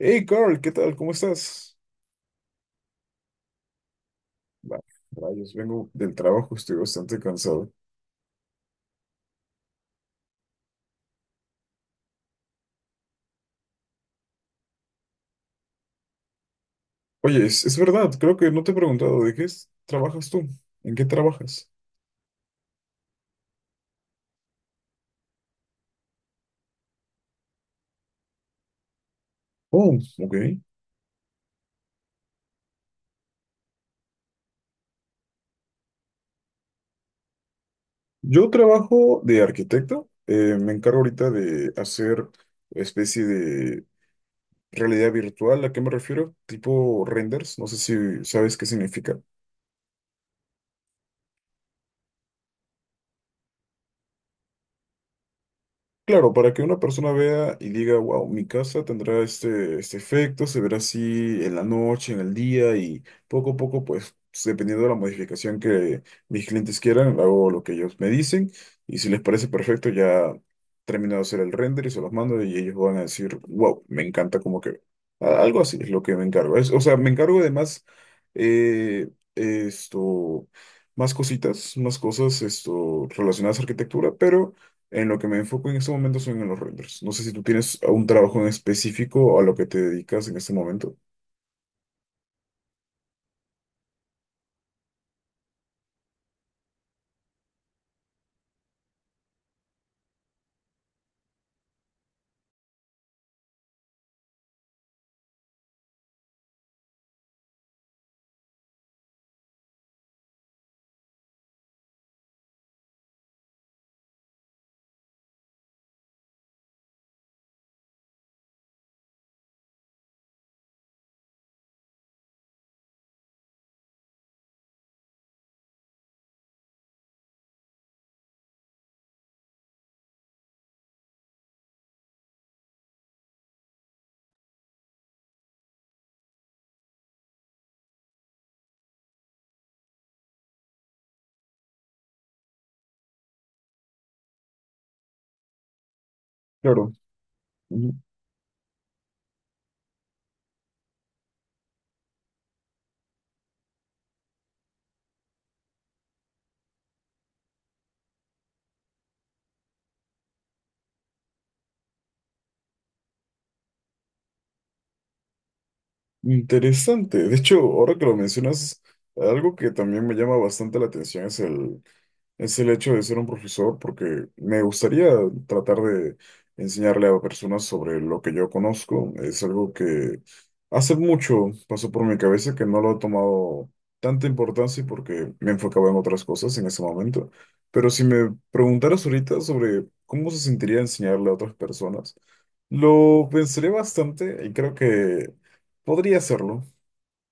Hey Carl, ¿qué tal? ¿Cómo estás? Va, rayos, vengo del trabajo, estoy bastante cansado. Oye, es verdad, creo que no te he preguntado, ¿ trabajas tú? ¿En qué trabajas? Oh, ok. Yo trabajo de arquitecto, me encargo ahorita de hacer especie de realidad virtual, ¿a qué me refiero? Tipo renders, no sé si sabes qué significa. Claro, para que una persona vea y diga, wow, mi casa tendrá este efecto, se verá así en la noche, en el día y poco a poco, pues dependiendo de la modificación que mis clientes quieran, hago lo que ellos me dicen y si les parece perfecto, ya termino de hacer el render y se los mando y ellos van a decir, wow, me encanta como que algo así es lo que me encargo. O sea, me encargo además eh, esto, más cositas, más cosas relacionadas a arquitectura, pero... En lo que me enfoco en este momento son en los renders. No sé si tú tienes un trabajo en específico a lo que te dedicas en este momento. Claro, mm, interesante. De hecho, ahora que lo mencionas, algo que también me llama bastante la atención es el hecho de ser un profesor, porque me gustaría tratar de enseñarle a personas sobre lo que yo conozco. Es algo que hace mucho pasó por mi cabeza que no lo he tomado tanta importancia porque me enfocaba en otras cosas en ese momento. Pero si me preguntaras ahorita sobre cómo se sentiría enseñarle a otras personas, lo pensaré bastante y creo que podría hacerlo.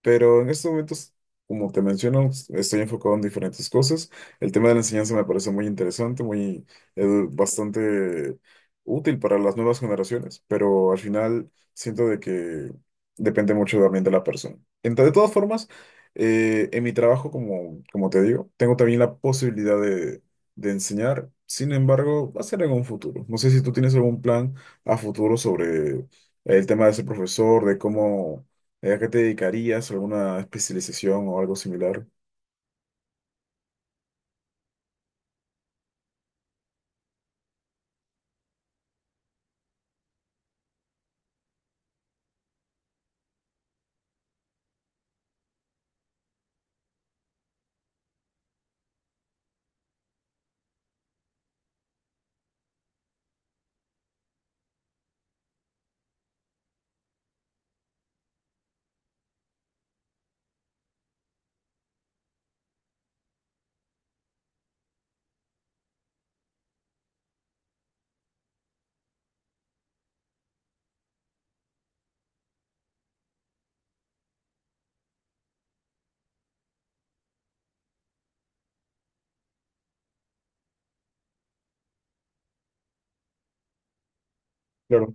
Pero en estos momentos, como te menciono, estoy enfocado en diferentes cosas. El tema de la enseñanza me parece muy interesante, muy bastante útil para las nuevas generaciones, pero al final siento de que depende mucho también de la persona. Entonces, de todas formas, en mi trabajo, como te digo, tengo también la posibilidad de enseñar. Sin embargo, va a ser en un futuro. No sé si tú tienes algún plan a futuro sobre el tema de ser profesor, de cómo ¿a qué te dedicarías? ¿Alguna especialización o algo similar? Claro.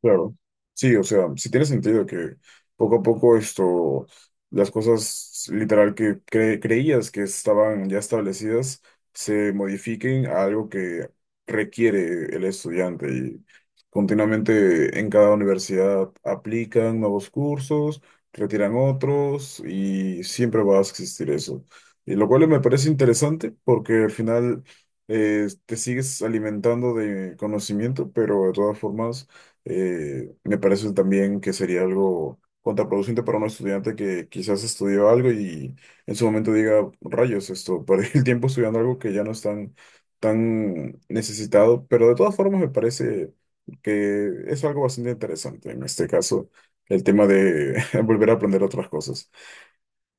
Claro, sí, o sea, sí tiene sentido que poco a poco las cosas literal que creías que estaban ya establecidas se modifiquen a algo que requiere el estudiante y continuamente en cada universidad aplican nuevos cursos, retiran otros y siempre va a existir eso. Y lo cual me parece interesante porque al final te sigues alimentando de conocimiento, pero de todas formas me parece también que sería algo contraproducente para un estudiante que quizás estudió algo y en su momento diga, rayos, perdí el tiempo estudiando algo que ya no es tan necesitado, pero de todas formas me parece que es algo bastante interesante en este caso, el tema de volver a aprender otras cosas.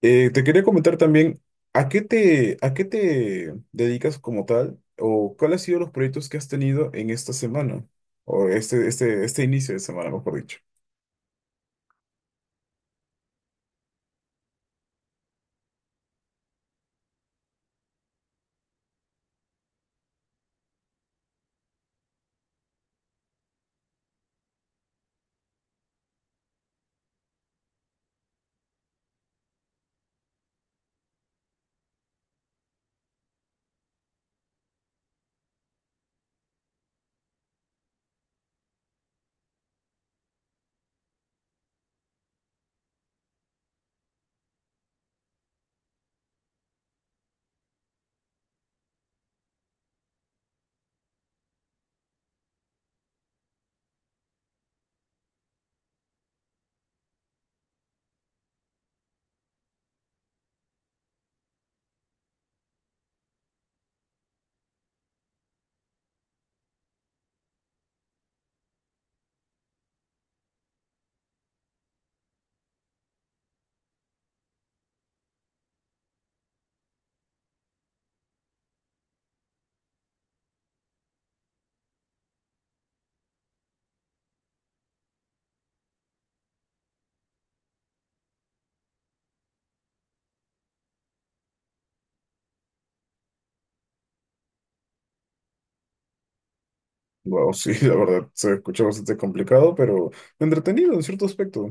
Te quería comentar también, ¿a qué te dedicas como tal? ¿O cuáles han sido los proyectos que has tenido en esta semana? O este inicio de semana, mejor dicho. Wow, sí, la verdad, se escucha bastante complicado, pero entretenido en cierto aspecto.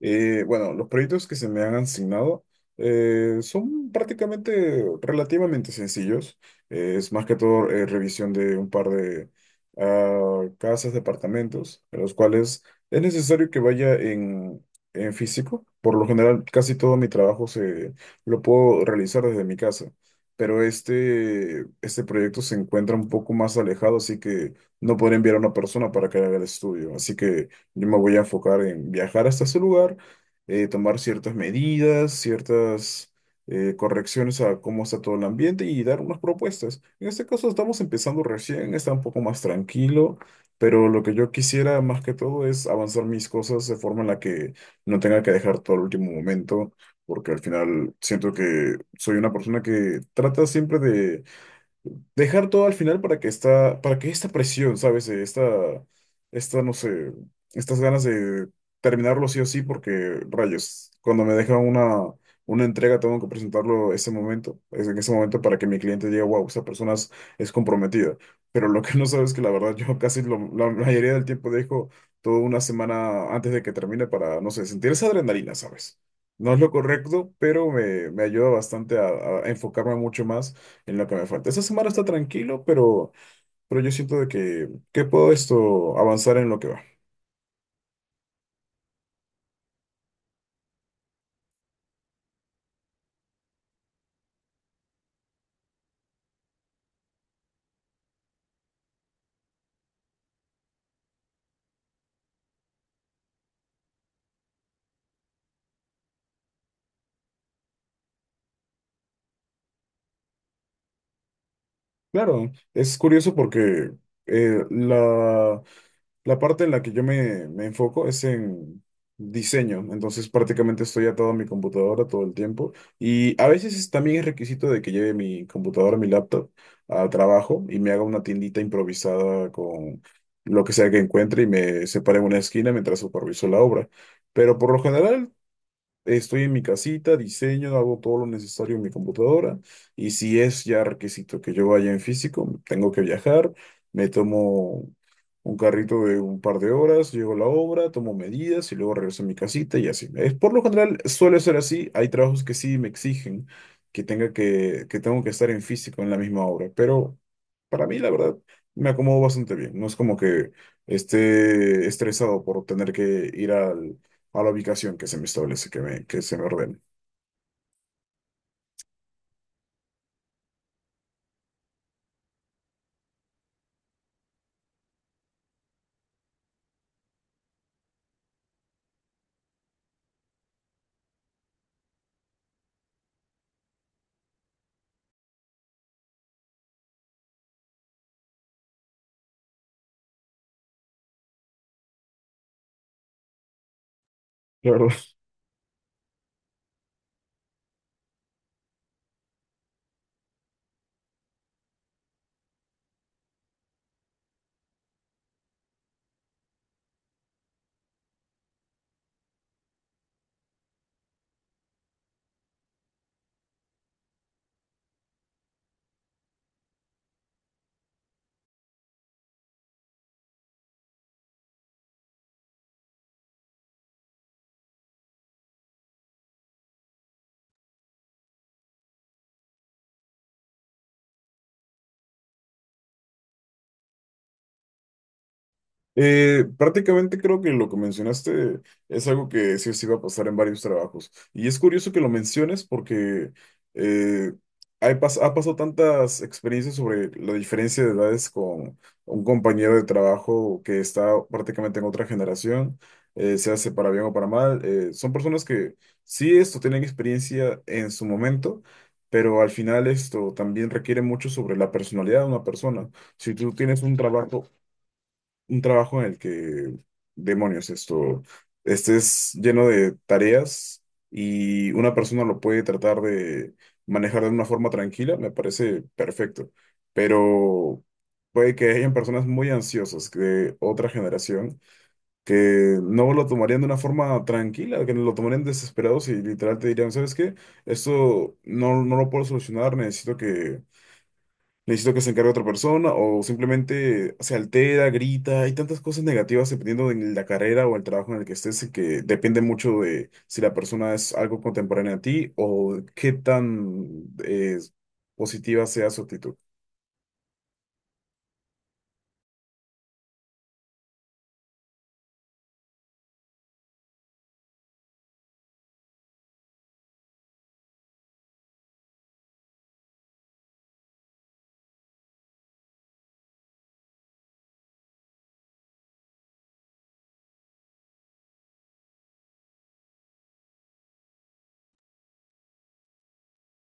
Bueno, los proyectos que se me han asignado son prácticamente relativamente sencillos. Es más que todo revisión de un par de casas, departamentos, en los cuales es necesario que vaya en físico. Por lo general, casi todo mi trabajo lo puedo realizar desde mi casa, pero este proyecto se encuentra un poco más alejado, así que no podré enviar a una persona para que haga el estudio. Así que... Yo me voy a enfocar en viajar hasta ese lugar, tomar ciertas medidas, ciertas correcciones a cómo está todo el ambiente y dar unas propuestas. En este caso estamos empezando recién, está un poco más tranquilo, pero lo que yo quisiera más que todo es avanzar mis cosas de forma en la que no tenga que dejar todo al último momento, porque al final siento que soy una persona que trata siempre de dejar todo al final para que esta presión, ¿sabes? No sé, estas ganas de terminarlo sí o sí, porque rayos, cuando me dejan una entrega tengo que presentarlo ese momento, es en ese momento para que mi cliente diga, wow, esa persona es comprometida. Pero lo que no sabes es que la verdad yo casi la mayoría del tiempo dejo toda una semana antes de que termine para, no sé, sentir esa adrenalina, ¿sabes? No es lo correcto, pero me ayuda bastante a enfocarme mucho más en lo que me falta. Esta semana está tranquilo, pero yo siento que puedo esto avanzar en lo que va. Claro, es curioso porque eh, la, la parte en la que yo me enfoco es en diseño, entonces prácticamente estoy atado a mi computadora todo el tiempo y a veces también es requisito de que lleve mi computadora, mi laptop a trabajo y me haga una tiendita improvisada con lo que sea que encuentre y me separe en una esquina mientras superviso la obra. Pero por lo general estoy en mi casita, diseño, hago todo lo necesario en mi computadora y si es ya requisito que yo vaya en físico, tengo que viajar, me tomo un carrito de un par de horas, llego a la obra, tomo medidas y luego regreso a mi casita y así. Es, por lo general suele ser así, hay trabajos que sí me exigen que tengo que estar en físico en la misma obra, pero para mí la verdad me acomodo bastante bien, no es como que esté estresado por tener que ir a la ubicación que se me establece, que se me ordene. La verdad. Prácticamente creo que lo que mencionaste es algo que sí o sí va a pasar en varios trabajos. Y es curioso que lo menciones porque eh, hay ha pasado tantas experiencias sobre la diferencia de edades con un compañero de trabajo que está prácticamente en otra generación, se hace para bien o para mal. Son personas que sí esto tienen experiencia en su momento. Pero al final esto también requiere mucho sobre la personalidad de una persona. Si tú tienes un trabajo en el que, demonios, esto, estés lleno de tareas y una persona lo puede tratar de manejar de una forma tranquila, me parece perfecto. Pero puede que hayan personas muy ansiosas de otra generación que no lo tomarían de una forma tranquila, que lo tomarían desesperados y literal te dirían, ¿sabes qué? Esto no lo puedo solucionar, necesito que se encargue otra persona o simplemente se altera, grita. Hay tantas cosas negativas dependiendo de la carrera o el trabajo en el que estés que depende mucho de si la persona es algo contemporánea a ti o qué tan positiva sea su actitud.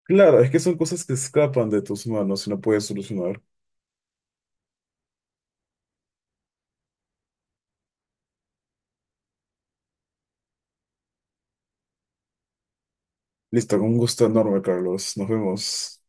Claro, es que son cosas que escapan de tus manos y no puedes solucionar. Listo, con un gusto enorme, Carlos. Nos vemos.